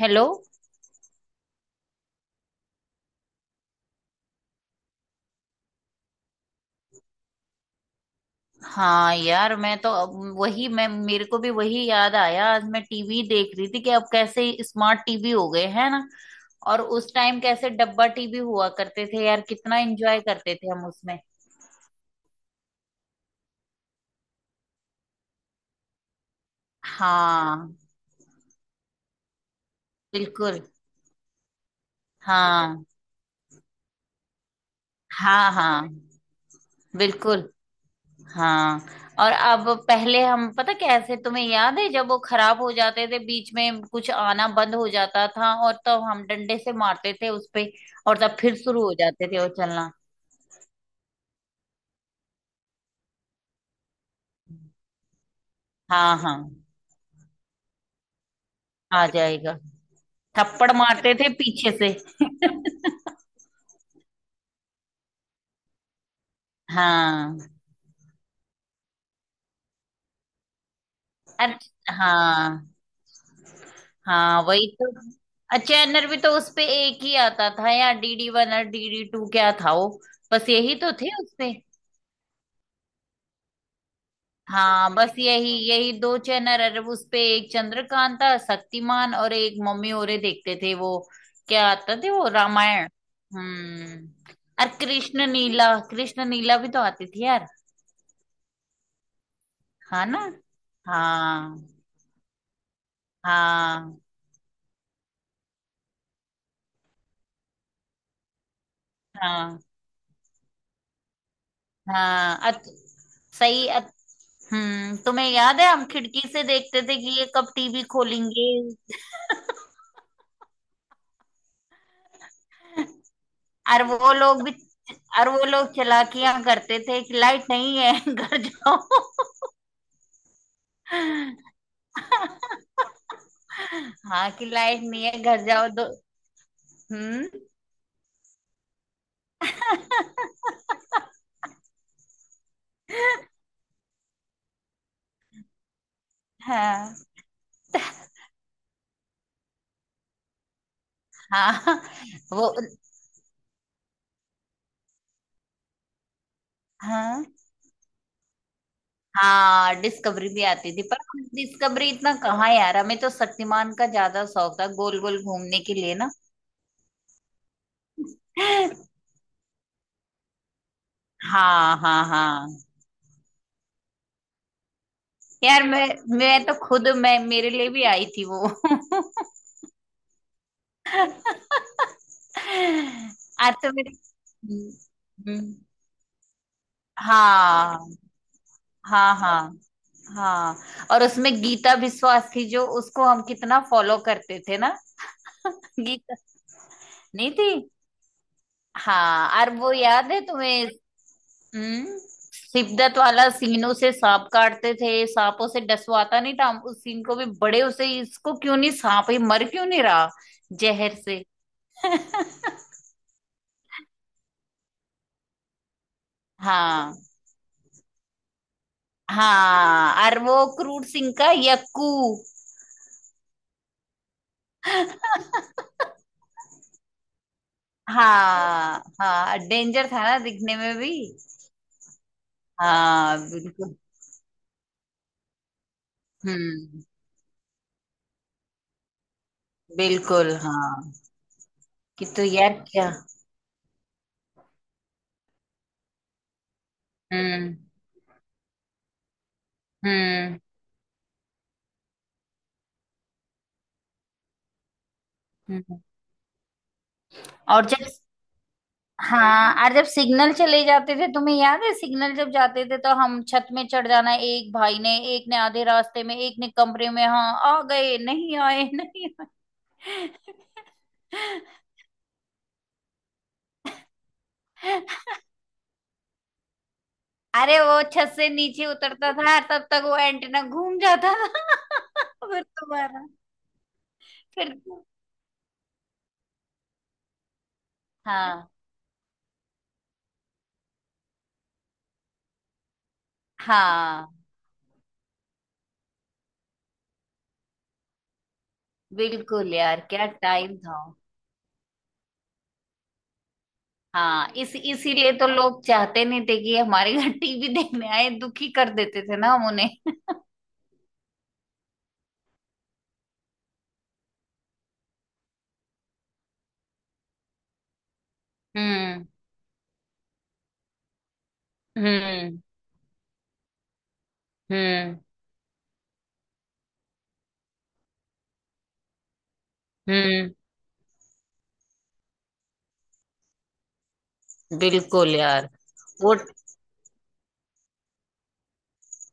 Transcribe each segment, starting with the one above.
Hello. हाँ यार, मैं तो अब वही, मैं मेरे को भी वही याद आया। आज मैं टीवी देख रही थी कि अब कैसे स्मार्ट टीवी हो गए है ना। और उस टाइम कैसे डब्बा टीवी हुआ करते थे यार, कितना एंजॉय करते थे हम उसमें। हाँ, बिल्कुल। हाँ, हाँ, हाँ। बिल्कुल। हाँ, और अब पहले हम पता कैसे तुम्हें याद है जब वो खराब हो जाते थे, बीच में कुछ आना बंद हो जाता था और तब हम डंडे से मारते थे उस पे। और तब फिर शुरू हो जाते थे वो चलना। हाँ, हाँ, आ जाएगा। थप्पड़ मारते थे पीछे से। हाँ, अच्छा। हाँ, हाँ, वही तो, चैनर भी तो उसपे एक ही आता था यार, डीडी वन और डीडी टू, क्या था वो। बस यही तो थे उसपे। हाँ, बस यही यही दो चैनल। अरे, वो उसपे एक चंद्रकांता, शक्तिमान और एक मम्मी औरे देखते थे वो। क्या आता थे वो रामायण। हम्म। और कृष्ण नीला, कृष्ण नीला भी तो आती थी यार। हाँ ना। हाँ, हाँ, हाँ, हाँ। सही हम्म, तुम्हें याद है हम खिड़की से देखते थे कि ये कब टीवी खोलेंगे। और वो लोग भी और वो लोग चालाकियां करते थे कि लाइट नहीं है। घर जाओ। हाँ, कि लाइट नहीं है घर जाओ दो। हम्म। हाँ, हाँ, वो। हाँ, हाँ, डिस्कवरी भी आती थी, पर हम डिस्कवरी इतना कहाँ यार, हमें तो शक्तिमान का ज्यादा शौक था गोल गोल घूमने के लिए ना। हाँ, हाँ, हाँ। यार मैं तो खुद, मैं मेरे लिए भी आई थी वो। आज तो मेरे, हम्म, हाँ, हाँ, हाँ, हाँ। और उसमें गीता विश्वास थी जो, उसको हम कितना फॉलो करते थे ना। गीता नहीं थी। हाँ, और वो याद है तुम्हें। हम्म। शिवदत्त वाला सीनों से सांप काटते थे, सांपों से डसवाता नहीं था, हम उस सीन को भी बड़े, उसे इसको क्यों नहीं सांप ये मर क्यों नहीं रहा जहर से। हाँ, हाँ, और वो क्रूर सिंह का यक्कू। हाँ, हाँ, डेंजर था ना दिखने में भी। हाँ, बिल्कुल। हम्म। बिल्कुल। हाँ, कि तो यार क्या। हम्म। हम्म। हम्म। और जब हाँ, और जब सिग्नल चले जाते थे, तुम्हें याद है, सिग्नल जब जाते थे तो हम छत में चढ़ जाना, एक भाई ने, एक ने आधे रास्ते में, एक ने कमरे में, हाँ आ गए, नहीं आए, नहीं आए। अरे, वो छत से नीचे उतरता था तब तक वो एंटीना घूम जाता था। फिर दोबारा। फिर। हाँ, हाँ, बिल्कुल यार, क्या टाइम था। हाँ, इस इसीलिए तो लोग चाहते नहीं थे कि हमारे घर टीवी देखने आए, दुखी कर देते थे ना हम उन्हें। हम्म। हम्म। हम्म। हम्म। बिल्कुल यार। वो।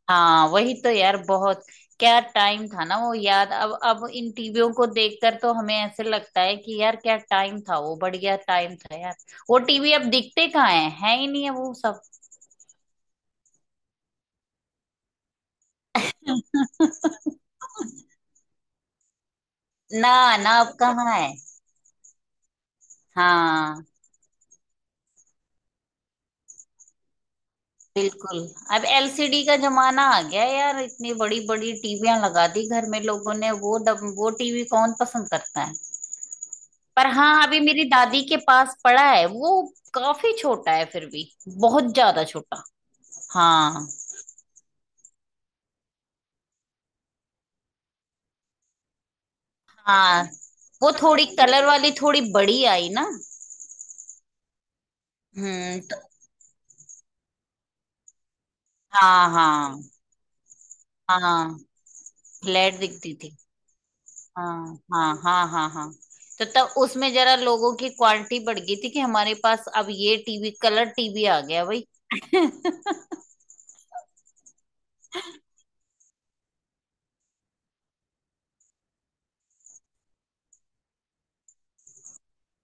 हाँ, वही तो यार, बहुत क्या टाइम था ना वो, याद अब इन टीवियों को देखकर तो हमें ऐसे लगता है कि यार क्या टाइम था वो, बढ़िया टाइम था यार। वो टीवी अब दिखते कहाँ है ही नहीं है वो सब। ना, ना, अब कहाँ है। हाँ, बिल्कुल। अब एलसीडी का जमाना आ गया यार, इतनी बड़ी बड़ी टीवियां लगा दी घर में लोगों ने। वो वो टीवी कौन पसंद करता है। पर हाँ, अभी मेरी दादी के पास पड़ा है वो, काफी छोटा है फिर भी, बहुत ज्यादा छोटा। हाँ। हाँ, वो थोड़ी कलर वाली थोड़ी बड़ी आई ना। हम्म। तो हाँ, हाँ, हाँ, फ्लैट दिखती थी। हाँ, हाँ, हाँ, हाँ, हाँ। तो तब उसमें जरा लोगों की क्वालिटी बढ़ गई थी कि हमारे पास अब ये टीवी, कलर टीवी आ गया भाई।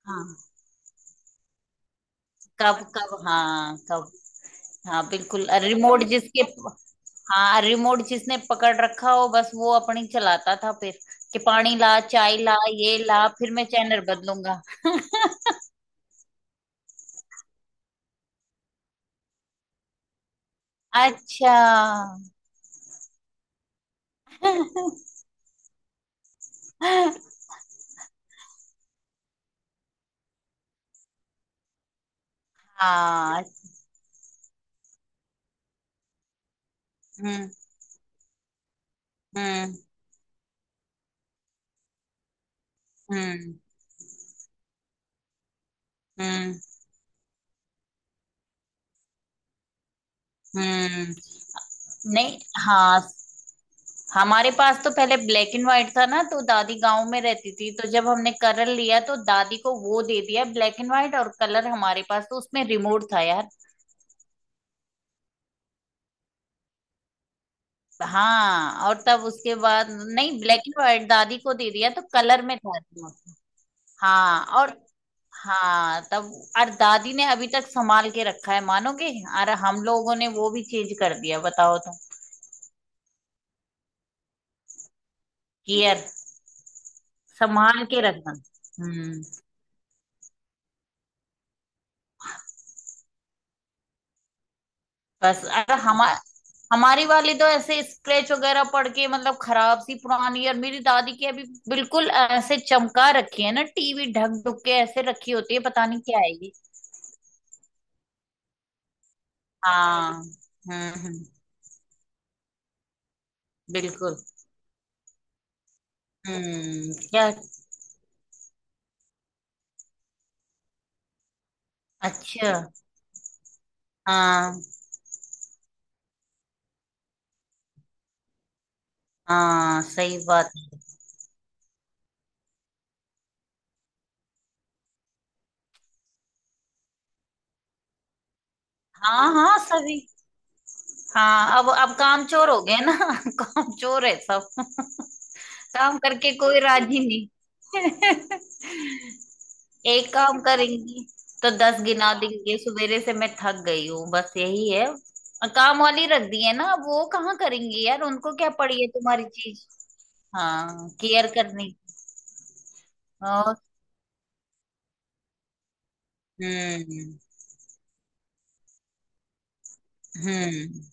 हाँ, कब कब, हाँ कब। हाँ, बिल्कुल, रिमोट जिसके। हाँ, रिमोट जिसने पकड़ रखा हो बस, वो अपनी चलाता था। फिर कि पानी ला, चाय ला, ये ला, फिर मैं चैनल बदलूंगा। अच्छा। हाँ। हम्म। हम्म। हम्म। हम्म। हम्म। नहीं। हाँ, हमारे पास तो पहले ब्लैक एंड व्हाइट था ना, तो दादी गांव में रहती थी, तो जब हमने कलर लिया तो दादी को वो दे दिया ब्लैक एंड व्हाइट, और कलर हमारे पास, तो उसमें रिमोट था यार। हाँ, और तब उसके बाद नहीं, ब्लैक एंड व्हाइट दादी को दे दिया तो कलर में था वो। हाँ, और हाँ तब, और दादी ने अभी तक संभाल के रखा है, मानोगे। और हम लोगों ने वो भी चेंज कर दिया, बताओ तो। केयर। संभाल के रखना। हम्म। बस अरे हमारी वाली तो ऐसे स्क्रैच वगैरह पड़ के मतलब खराब सी पुरानी, और मेरी दादी की अभी बिल्कुल ऐसे चमका रखी है ना, टीवी ढक ढुक के ऐसे रखी होती है, पता नहीं क्या है ये। हाँ। हम्म। हम्म। बिल्कुल। हम्म। क्या। अच्छा। हाँ, हाँ, सही बात है। हाँ, हाँ, सभी। हाँ, अब काम चोर हो गए ना। काम चोर है सब। काम करके कोई राजी नहीं। एक काम करेंगी तो दस गिना देंगे, सवेरे से मैं थक गई हूँ बस यही है, और काम वाली रख दी है ना, अब वो कहाँ करेंगी यार, उनको क्या पड़ी है तुम्हारी चीज। हाँ, केयर करने की। और। हम्म। हम्म।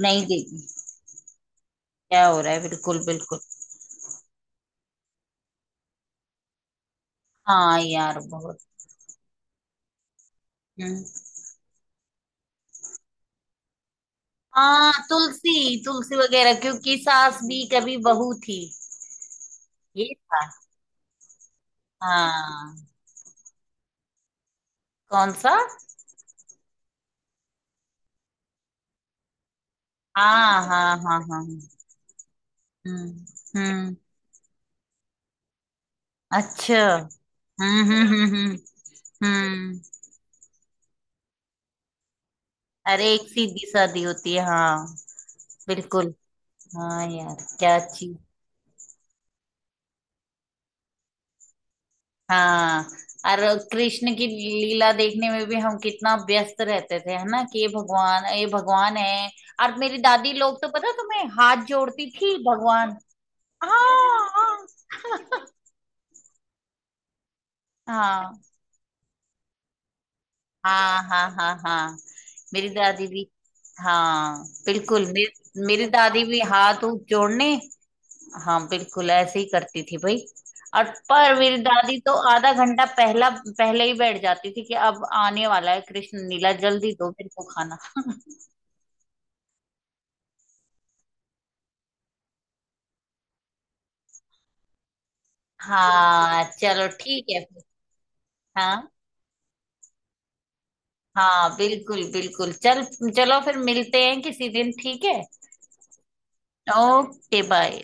नहीं देगी। क्या हो रहा है, बिल्कुल बिल्कुल। हाँ यार, बहुत। हम्म। हाँ तुलसी, तुलसी वगैरह, क्योंकि सास भी कभी बहू थी। ये था। हाँ। कौन सा। हाँ, हाँ, हाँ, हाँ। हम्म। हम्म। अच्छा। हम्म। हम्म। हम्म। हम्म। हम्म। अरे, एक सीधी शादी होती है हाँ। बिल्कुल। हाँ यार, क्या अच्छी। हाँ, और कृष्ण की लीला देखने में भी हम कितना व्यस्त रहते थे है ना कि ये भगवान, ये भगवान है। और मेरी दादी लोग तो पता तुम्हें, हाथ जोड़ती थी भगवान। हाँ, हाँ, हाँ, हाँ, हाँ, हाँ। हाँ, मेरी दादी भी। हाँ, बिल्कुल, मेरी मेरी दादी भी हाथ ऊथ जोड़ने। हाँ, बिल्कुल ऐसे ही करती थी भाई। और। पर मेरी दादी तो आधा घंटा पहला पहले ही बैठ जाती थी कि अब आने वाला है कृष्ण लीला, जल्दी दो मेरे को खाना। हाँ, चलो ठीक है फिर। हाँ, हाँ, बिल्कुल बिल्कुल। चल चलो फिर मिलते हैं किसी दिन, ठीक है। Okay, bye.